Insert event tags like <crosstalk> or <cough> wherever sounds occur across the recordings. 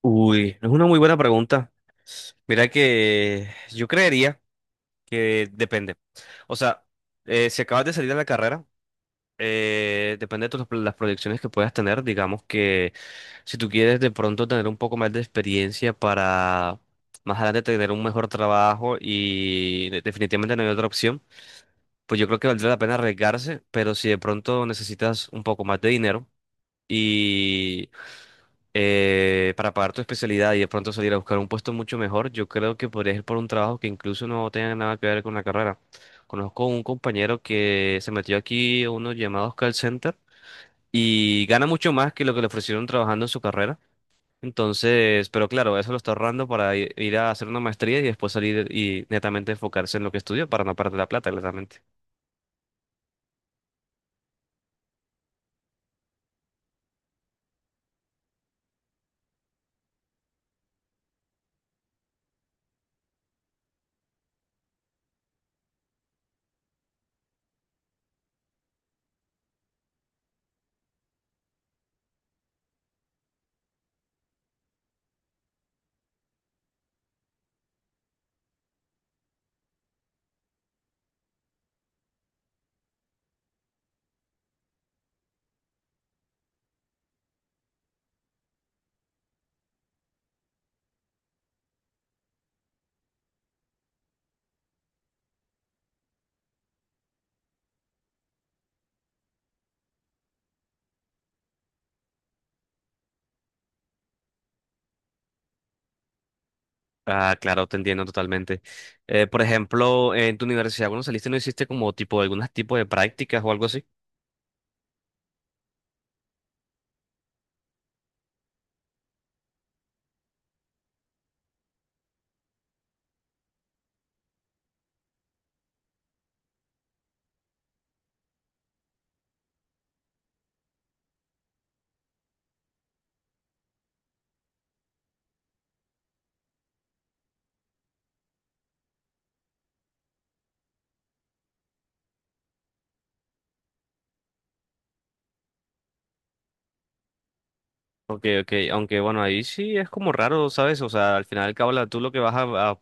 Uy, es una muy buena pregunta. Mira que yo creería que depende. O sea, si acabas de salir de la carrera, depende de las proyecciones que puedas tener. Digamos que si tú quieres de pronto tener un poco más de experiencia para más adelante tener un mejor trabajo y definitivamente no hay otra opción, pues yo creo que valdría la pena arriesgarse, pero si de pronto necesitas un poco más de dinero y para pagar tu especialidad y de pronto salir a buscar un puesto mucho mejor, yo creo que podrías ir por un trabajo que incluso no tenga nada que ver con la carrera. Conozco un compañero que se metió aquí a unos llamados call center y gana mucho más que lo que le ofrecieron trabajando en su carrera. Entonces, pero claro, eso lo está ahorrando para ir a hacer una maestría y después salir y netamente enfocarse en lo que estudió para no perder la plata, claramente. Ah, claro, te entiendo totalmente. Por ejemplo, en tu universidad, cuando saliste, ¿no hiciste como tipo algunos tipos de prácticas o algo así? Okay, okay, aunque bueno, ahí sí es como raro, ¿sabes? O sea, al final del cabo, tú lo que vas a,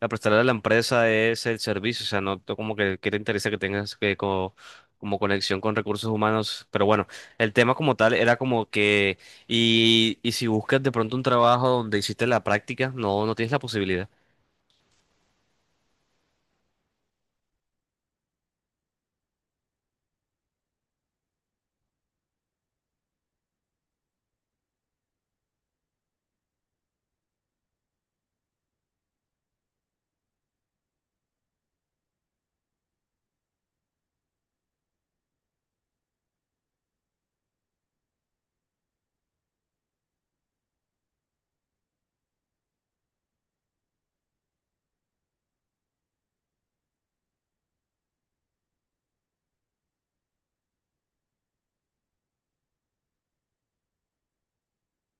a prestarle a la empresa es el servicio, o sea, no tú como que te interesa que tengas que como, como conexión con recursos humanos. Pero bueno, el tema como tal era como que, y si buscas de pronto un trabajo donde hiciste la práctica, no, no tienes la posibilidad.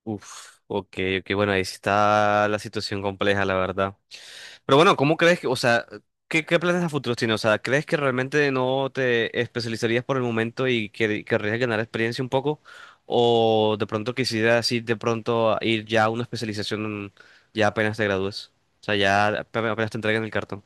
Uf, ok, ok, bueno, ahí sí está la situación compleja, la verdad. Pero bueno, ¿cómo crees que, o sea, qué planes a futuros tienes? O sea, ¿crees que realmente no te especializarías por el momento y que querrías ganar experiencia un poco? ¿O de pronto quisieras ir de pronto a ir ya a una especialización ya apenas te gradúes? O sea, ya apenas apenas te entreguen el cartón.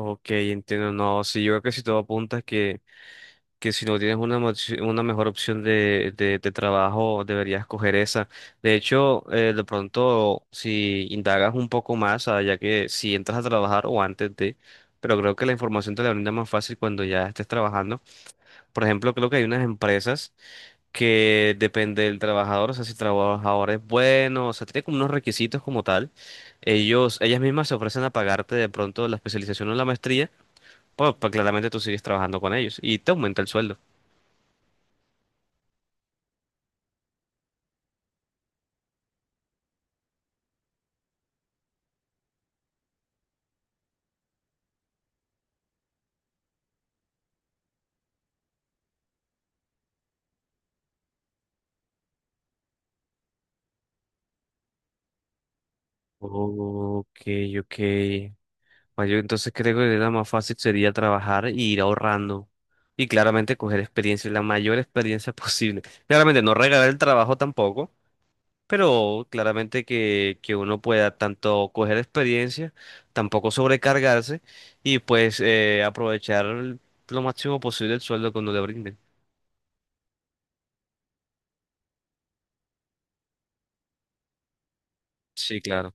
Ok, entiendo, no, sí, yo creo que si todo apunta es que si no tienes una, una mejor opción de trabajo, deberías coger esa. De hecho, de pronto, si indagas un poco más, ah, ya que si entras a trabajar o antes de, pero creo que la información te la brinda más fácil cuando ya estés trabajando. Por ejemplo, creo que hay unas empresas que depende del trabajador, o sea, si el trabajador es bueno, o sea, tiene como unos requisitos como tal. Ellos, ellas mismas se ofrecen a pagarte de pronto la especialización o la maestría, pues claramente tú sigues trabajando con ellos y te aumenta el sueldo. Ok, ok. Bueno, yo entonces creo que la más fácil sería trabajar y ir ahorrando. Y claramente coger experiencia, la mayor experiencia <laughs> posible. Claramente no regalar el trabajo tampoco, pero claramente que uno pueda tanto coger experiencia, tampoco sobrecargarse y pues aprovechar lo máximo posible el sueldo que uno le brinden. Sí, claro.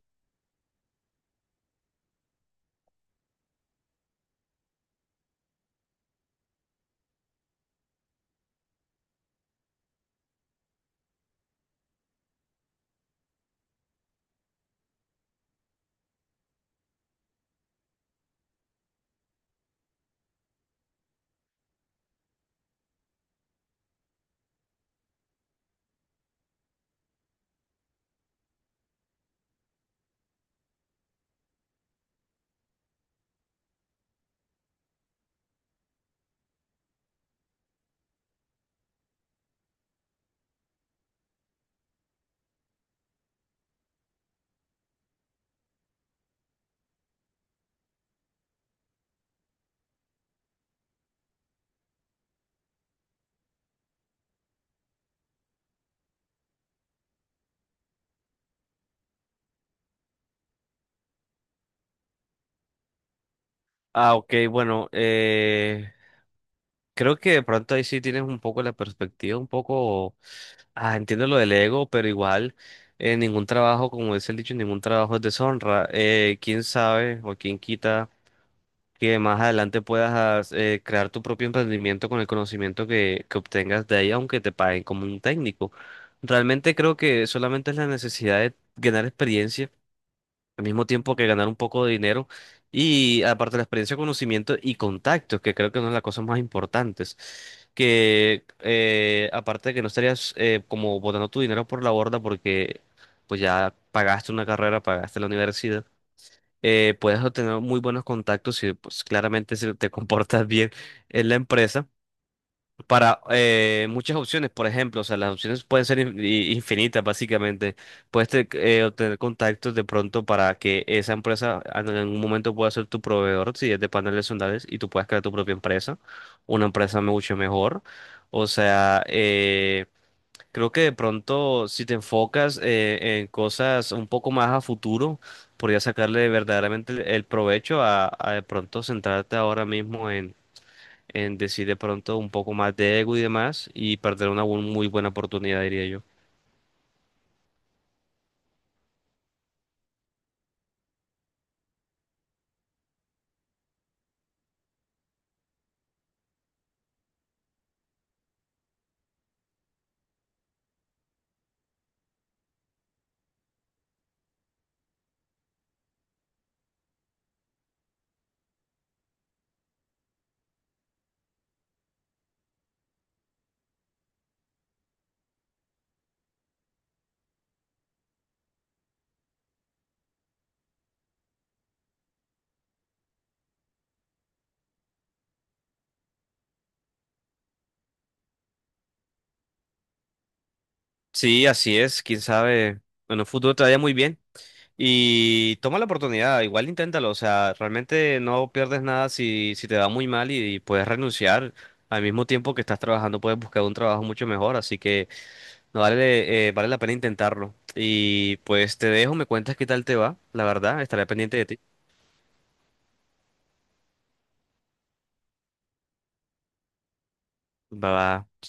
Ah, ok, bueno, creo que de pronto ahí sí tienes un poco la perspectiva, un poco. Ah, entiendo lo del ego, pero igual ningún trabajo, como dice el dicho, ningún trabajo es deshonra. Quién sabe o quién quita que más adelante puedas crear tu propio emprendimiento con el conocimiento que obtengas de ahí, aunque te paguen como un técnico. Realmente creo que solamente es la necesidad de ganar experiencia al mismo tiempo que ganar un poco de dinero y aparte la experiencia, conocimiento y contactos, que creo que es una de las cosas más importantes, que aparte de que no estarías como botando tu dinero por la borda porque pues ya pagaste una carrera, pagaste la universidad. Puedes obtener muy buenos contactos si pues, claramente si te <laughs> comportas bien en la empresa para muchas opciones, por ejemplo, o sea, las opciones pueden ser infinitas, básicamente. Puedes obtener contactos de pronto para que esa empresa en algún momento pueda ser tu proveedor, si es de paneles solares, y tú puedas crear tu propia empresa, una empresa mucho mejor. O sea, creo que de pronto si te enfocas en cosas un poco más a futuro, podrías sacarle verdaderamente el provecho a de pronto centrarte ahora mismo en decir de pronto un poco más de ego y demás y perder una muy buena oportunidad, diría yo. Sí, así es, quién sabe. Bueno, el futuro te vaya muy bien y toma la oportunidad, igual inténtalo, o sea, realmente no pierdes nada si, si te va muy mal y, puedes renunciar. Al mismo tiempo que estás trabajando, puedes buscar un trabajo mucho mejor, así que no vale, vale la pena intentarlo. Y pues te dejo, me cuentas qué tal te va, la verdad, estaré pendiente de ti. Bye bye.